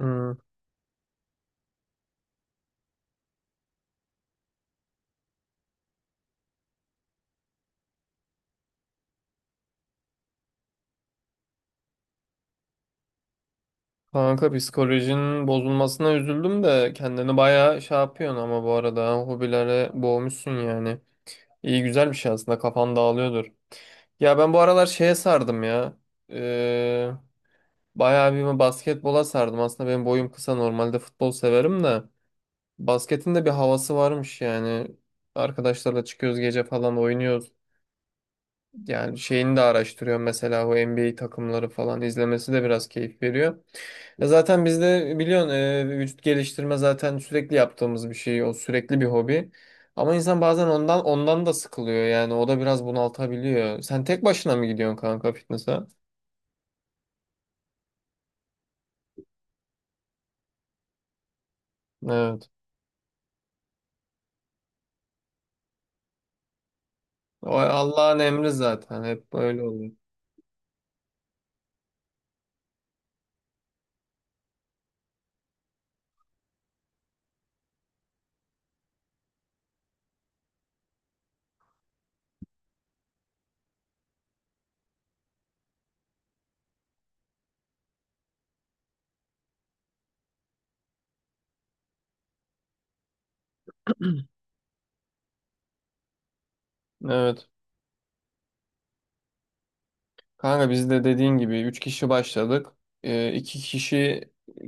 Hmm. Kanka psikolojinin bozulmasına üzüldüm de kendini bayağı şey yapıyorsun ama bu arada ha, hobilere boğmuşsun yani. İyi güzel bir şey aslında kafan dağılıyordur. Ya ben bu aralar şeye sardım ya. Ee, Bayağı bir basketbola sardım. Aslında benim boyum kısa normalde futbol severim de. Basketin de bir havası varmış yani. Arkadaşlarla çıkıyoruz gece falan oynuyoruz. Yani şeyini de araştırıyorum mesela o NBA takımları falan izlemesi de biraz keyif veriyor. Ya zaten bizde biliyorsun vücut geliştirme zaten sürekli yaptığımız bir şey. O sürekli bir hobi. Ama insan bazen ondan da sıkılıyor yani o da biraz bunaltabiliyor. Sen tek başına mı gidiyorsun kanka fitness'a? Evet. O Allah'ın emri zaten hep böyle oluyor. Evet. Kanka biz de dediğin gibi 3 kişi başladık. İki kişi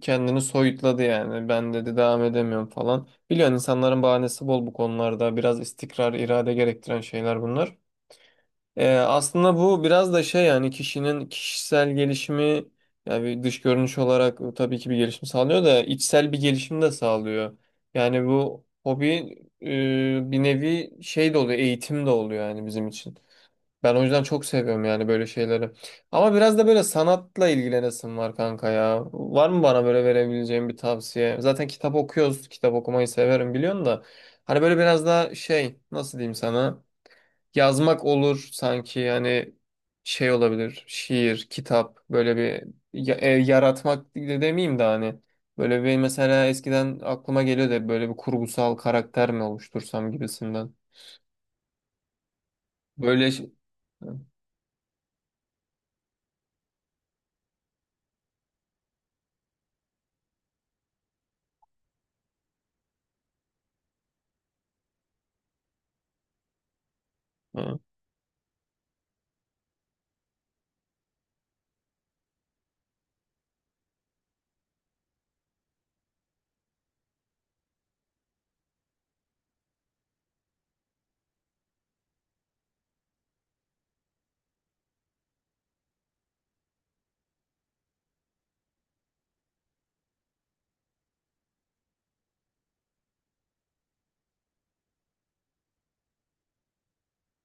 kendini soyutladı yani. Ben dedi devam edemiyorum falan. Biliyorsun insanların bahanesi bol bu konularda. Biraz istikrar, irade gerektiren şeyler bunlar. Aslında bu biraz da şey yani kişinin kişisel gelişimi yani bir dış görünüş olarak tabii ki bir gelişim sağlıyor da içsel bir gelişim de sağlıyor. Yani bu hobi bir nevi şey de oluyor, eğitim de oluyor yani bizim için. Ben o yüzden çok seviyorum yani böyle şeyleri. Ama biraz da böyle sanatla ilgilenesim var kanka ya. Var mı bana böyle verebileceğim bir tavsiye? Zaten kitap okuyoruz. Kitap okumayı severim biliyorsun da. Hani böyle biraz daha şey nasıl diyeyim sana? Yazmak olur sanki hani şey olabilir. Şiir, kitap böyle bir yaratmak de demeyeyim de hani. Böyle bir mesela eskiden aklıma geliyor da böyle bir kurgusal karakter mi oluştursam gibisinden. Böyle şey. Hı.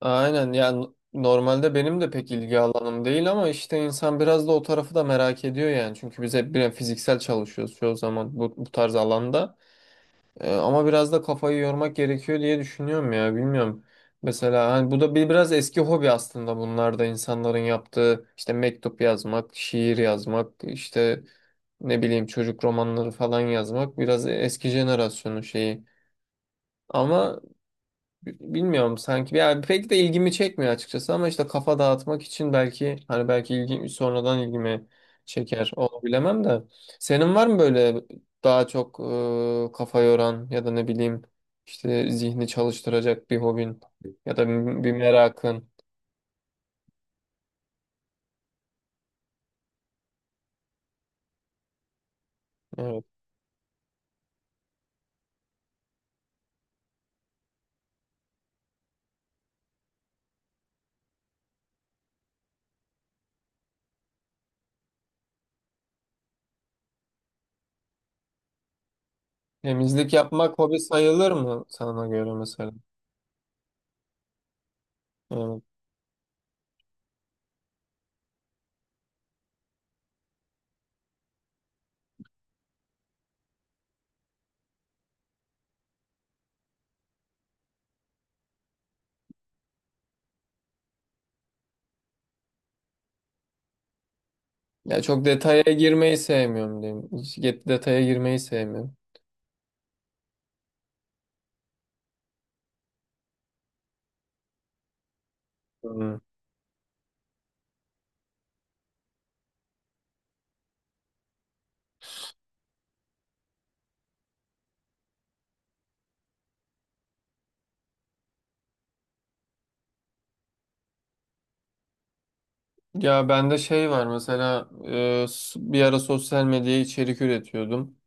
Aynen yani normalde benim de pek ilgi alanım değil ama işte insan biraz da o tarafı da merak ediyor yani. Çünkü biz hep bir fiziksel çalışıyoruz çoğu zaman bu tarz alanda. Ama biraz da kafayı yormak gerekiyor diye düşünüyorum ya bilmiyorum. Mesela hani bu da bir biraz eski hobi aslında bunlar da insanların yaptığı işte mektup yazmak, şiir yazmak, işte ne bileyim çocuk romanları falan yazmak biraz eski jenerasyonun şeyi. Ama bilmiyorum sanki yani pek de ilgimi çekmiyor açıkçası ama işte kafa dağıtmak için belki hani belki ilgi sonradan ilgimi çeker onu bilemem de senin var mı böyle daha çok kafa yoran ya da ne bileyim işte zihni çalıştıracak bir hobin ya da bir merakın evet. Temizlik yapmak hobi sayılır mı sana göre mesela evet. Ya çok detaya girmeyi sevmiyorum diyeyim. Detaya girmeyi sevmiyorum. Hmm. Ya bende şey var mesela bir ara sosyal medyaya içerik üretiyordum.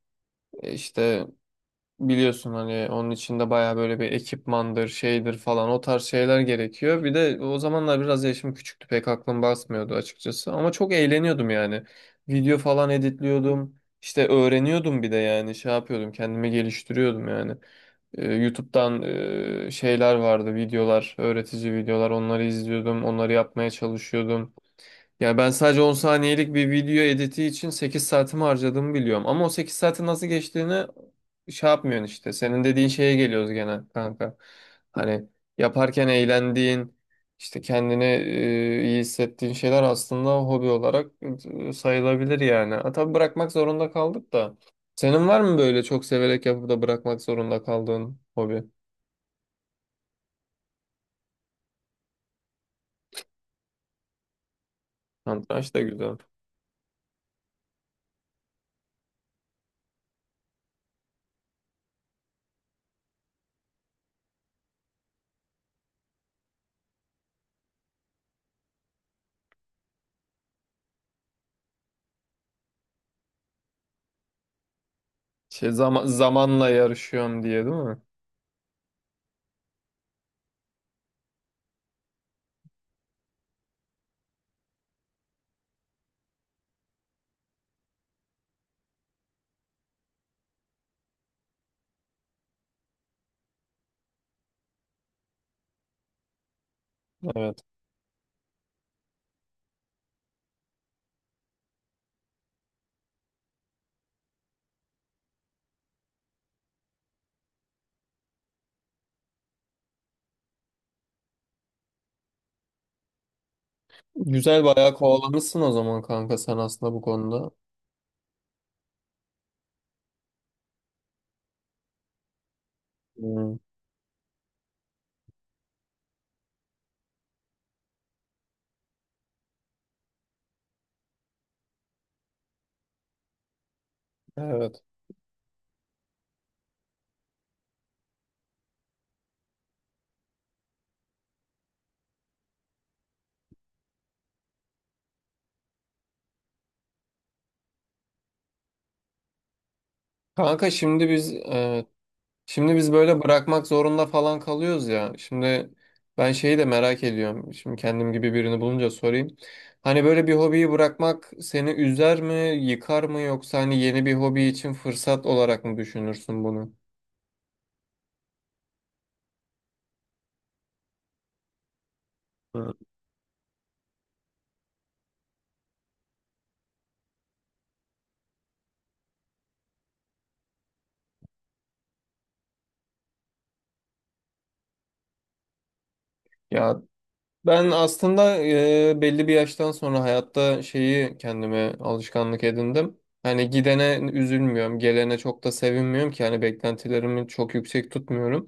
E, İşte biliyorsun hani onun için de baya böyle bir ekipmandır şeydir falan o tarz şeyler gerekiyor. Bir de o zamanlar biraz yaşım küçüktü pek aklım basmıyordu açıkçası ama çok eğleniyordum yani. Video falan editliyordum işte öğreniyordum bir de yani şey yapıyordum kendimi geliştiriyordum yani. YouTube'dan şeyler vardı videolar öğretici videolar onları izliyordum onları yapmaya çalışıyordum. Ya ben sadece 10 saniyelik bir video editi için sekiz saatimi harcadığımı biliyorum. Ama o 8 saatin nasıl geçtiğini şey yapmıyorsun işte. Senin dediğin şeye geliyoruz gene kanka. Hani yaparken eğlendiğin, işte kendini iyi hissettiğin şeyler aslında hobi olarak sayılabilir yani. Ha, tabii bırakmak zorunda kaldık da. Senin var mı böyle çok severek yapıp da bırakmak zorunda kaldığın hobi? Satranç da güzel. Şey, zamanla yarışıyorum diye değil mi? Evet. Güzel bayağı kovalamışsın o zaman kanka sen aslında bu konuda. Hmm. Evet. Kanka şimdi biz böyle bırakmak zorunda falan kalıyoruz ya. Şimdi ben şeyi de merak ediyorum. Şimdi kendim gibi birini bulunca sorayım. Hani böyle bir hobiyi bırakmak seni üzer mi, yıkar mı yoksa hani yeni bir hobi için fırsat olarak mı düşünürsün bunu? Hı. Ya Ben aslında belli bir yaştan sonra hayatta şeyi kendime alışkanlık edindim. Hani gidene üzülmüyorum, gelene çok da sevinmiyorum ki hani beklentilerimi çok yüksek tutmuyorum.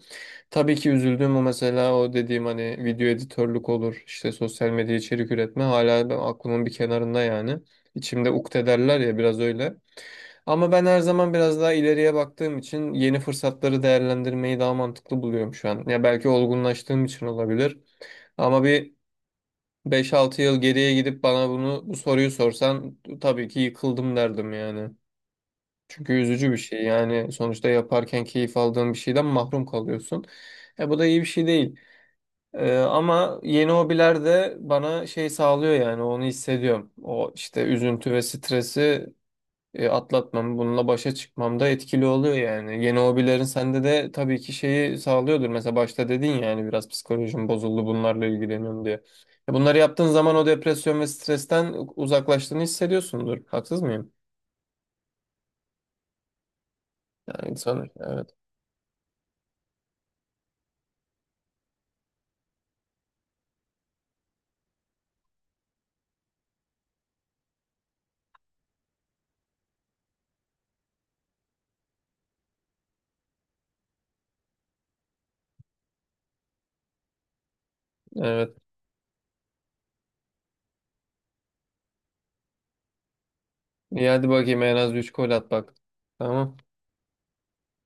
Tabii ki üzüldüğüm o mesela o dediğim hani video editörlük olur, işte sosyal medya içerik üretme hala ben aklımın bir kenarında yani. İçimde ukde derler ya biraz öyle. Ama ben her zaman biraz daha ileriye baktığım için yeni fırsatları değerlendirmeyi daha mantıklı buluyorum şu an. Ya belki olgunlaştığım için olabilir. Ama bir Beş altı yıl geriye gidip bana bu soruyu sorsan tabii ki yıkıldım derdim yani. Çünkü üzücü bir şey. Yani sonuçta yaparken keyif aldığın bir şeyden mahrum kalıyorsun. Bu da iyi bir şey değil. Ama yeni hobiler de bana şey sağlıyor yani onu hissediyorum. O işte üzüntü ve stresi atlatmam, bununla başa çıkmam da etkili oluyor yani. Yeni hobilerin sende de tabii ki şeyi sağlıyordur. Mesela başta dedin ya yani biraz psikolojim bozuldu bunlarla ilgileniyorum diye. E, bunları yaptığın zaman o depresyon ve stresten uzaklaştığını hissediyorsundur. Haksız mıyım? Yani sanırım. Evet. Evet. İyi hadi bakayım en az 3 gol at bak. Tamam.